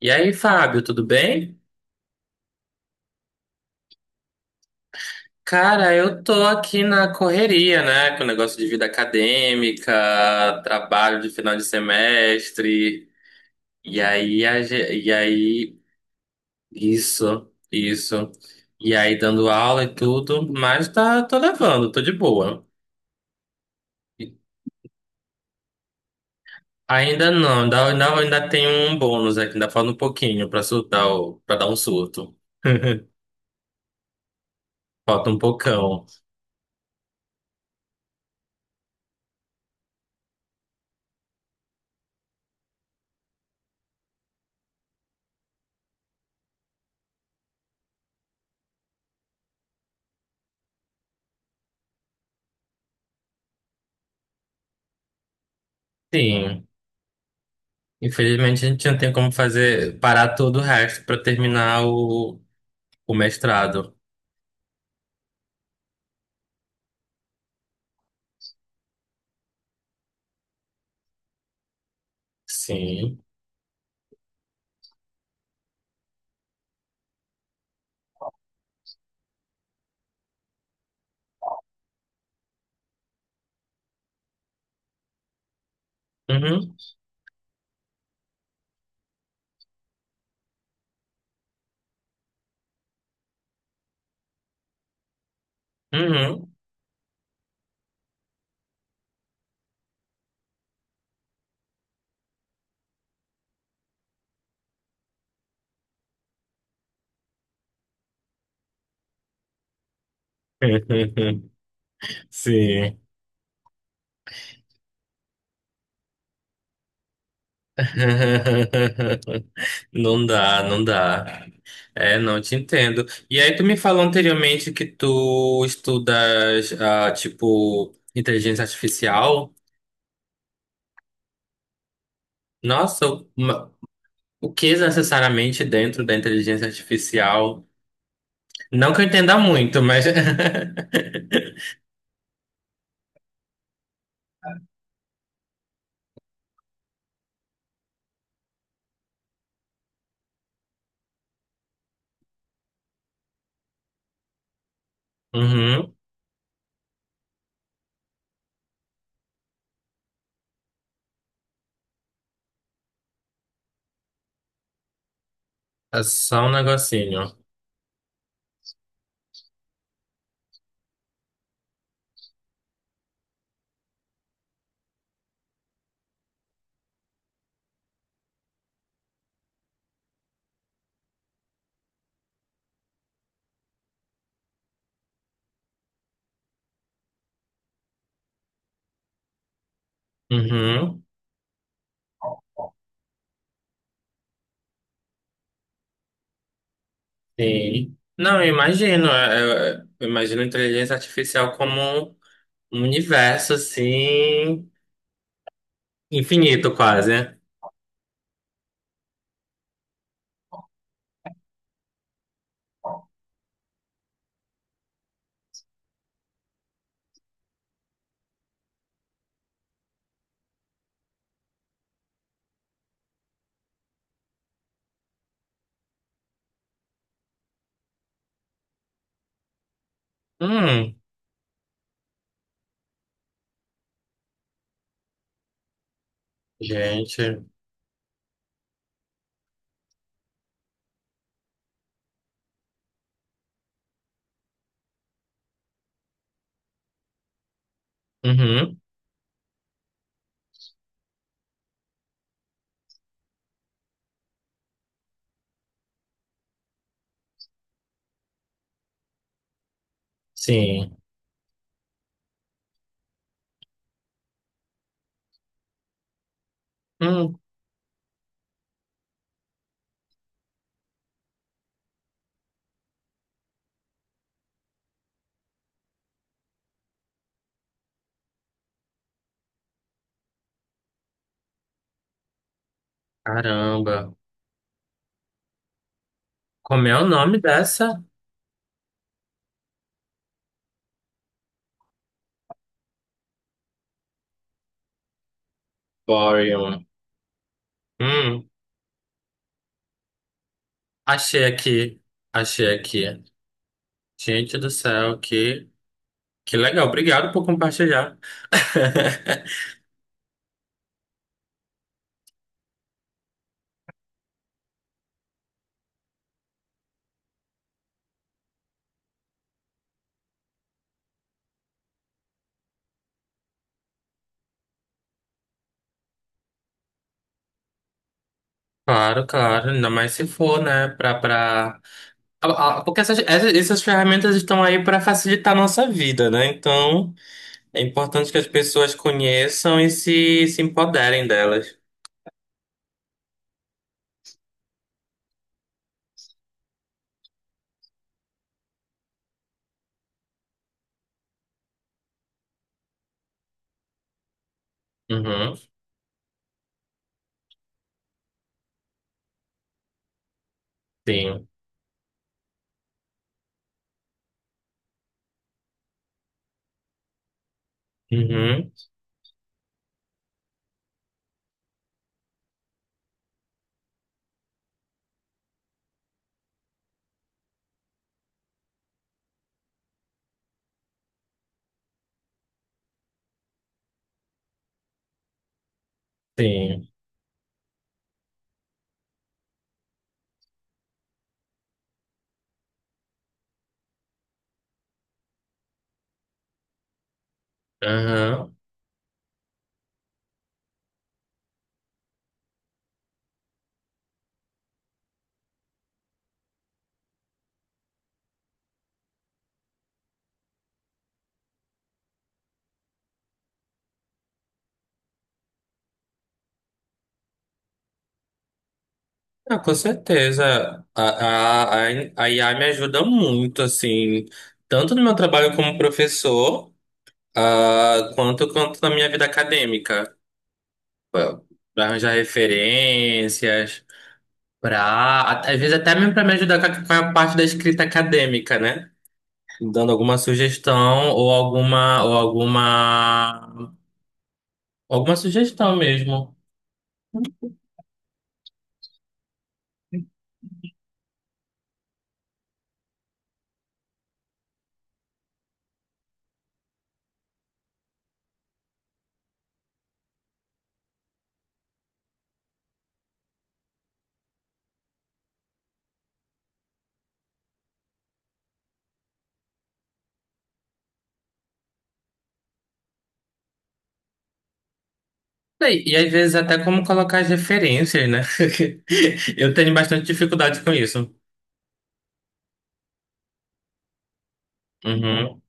E aí, Fábio, tudo bem? Cara, eu tô aqui na correria, né? Com o negócio de vida acadêmica, trabalho de final de semestre. E aí, a ge- e aí, isso, isso. E aí, dando aula e tudo, mas tá, tô levando, tô de boa. Ainda não, ainda tem um bônus aqui, ainda falta um pouquinho pra surtar, pra dar um surto. Falta um pocão. Sim. Infelizmente, a gente não tem como fazer, parar todo o resto para terminar o mestrado. Sim. Uhum. Uhum. Sim. Não dá, não dá. É, não te entendo. E aí, tu me falou anteriormente que tu estudas, tipo, inteligência artificial. Nossa, uma- o que necessariamente dentro da inteligência artificial? Não que eu entenda muito, mas. Uhum. É só um negocinho. Uhum. Sim. Não, eu imagino. Eu imagino a inteligência artificial como um um universo, assim, infinito quase. Hum, gente. Uhum. Sim. Hum, caramba. Como é o nome dessa? Boreum. Hum, achei aqui. Achei aqui. Gente do céu, que legal. Obrigado por compartilhar. Claro, claro, ainda mais se for, né, para porque essas ferramentas estão aí para facilitar a nossa vida, né? Então, é importante que as pessoas conheçam e se empoderem delas. Uhum, sim. Uhum, sim. Uhum. Ah, com certeza. A IA me ajuda muito, assim, tanto no meu trabalho como professor, ah, quanto na minha vida acadêmica. Pra- Para arranjar referências, pra, às vezes até mesmo para me ajudar com com a parte da escrita acadêmica, né? Dando alguma sugestão ou alguma alguma sugestão mesmo. E às vezes até como colocar as referências, né? Eu tenho bastante dificuldade com isso. Uhum,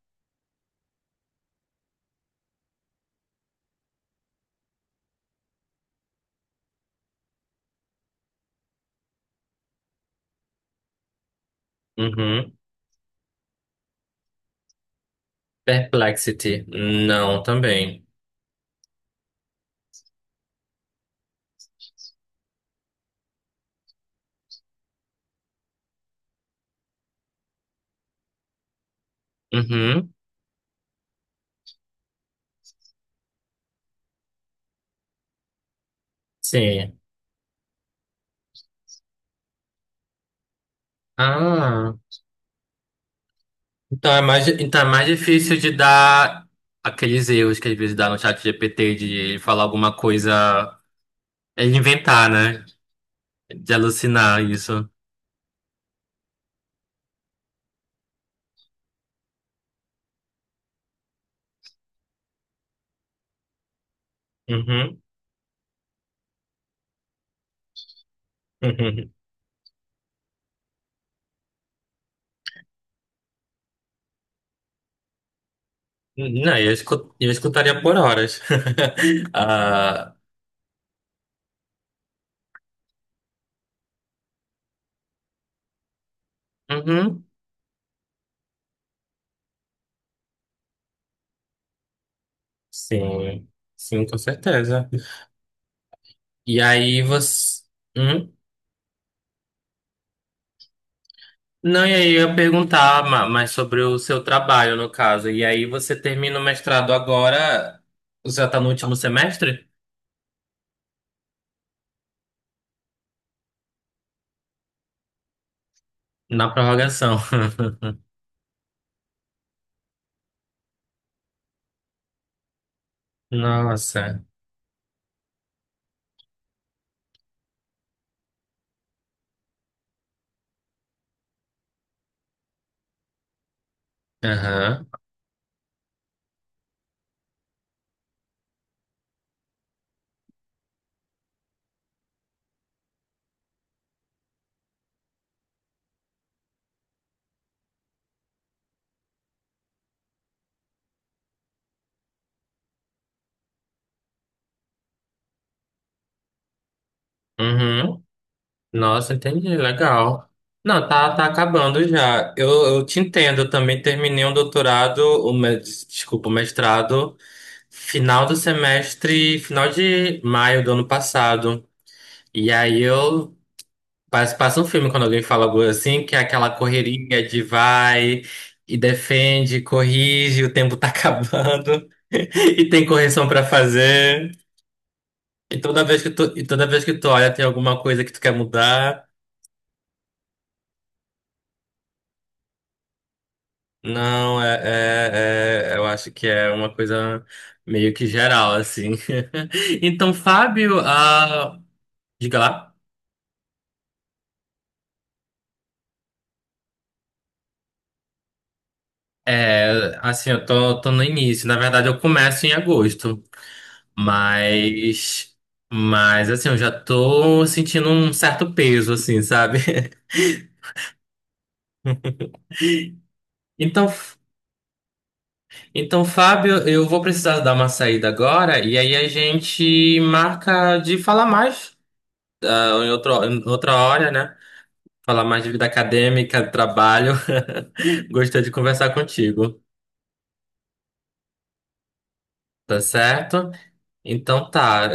uhum. Perplexity. Não, também. Uhum, sim. Ah, então é mais difícil de dar aqueles erros que às vezes dá no chat GPT de falar alguma coisa. É de inventar, né? De alucinar isso. Uhum, uhum. Não, eu escutaria por horas. Ah, uhum, sim, sim, com certeza. E aí você. Hum? Não, e aí eu ia perguntar mais sobre o seu trabalho, no caso. E aí você termina o mestrado agora? Você já tá no último semestre? Na prorrogação. Nossa. Aham. Uhum. Nossa, entendi, legal. Não, tá, tá acabando já. Eu te entendo, eu também terminei um doutorado, desculpa, o mestrado, final do semestre, final de maio do ano passado. E aí eu passa um filme quando alguém fala algo assim, que é aquela correria de vai e defende, corrige, o tempo tá acabando e tem correção pra fazer. E toda vez que tu, e toda vez que tu olha, tem alguma coisa que tu quer mudar. Não, eu acho que é uma coisa meio que geral, assim. Então, Fábio, ah, diga lá. É, assim, tô no início. Na verdade, eu começo em agosto, mas, mas assim, eu já tô sentindo um certo peso, assim, sabe? Então, F- então, Fábio, eu vou precisar dar uma saída agora e aí a gente marca de falar mais, ah, em outra hora, né? Falar mais de vida acadêmica, trabalho. Gostei de conversar contigo, tá certo? Então tá,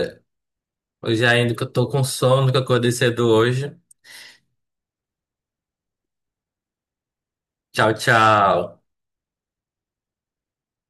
eu já ainda que eu tô com sono, que eu acordei cedo hoje. Tchau, tchau.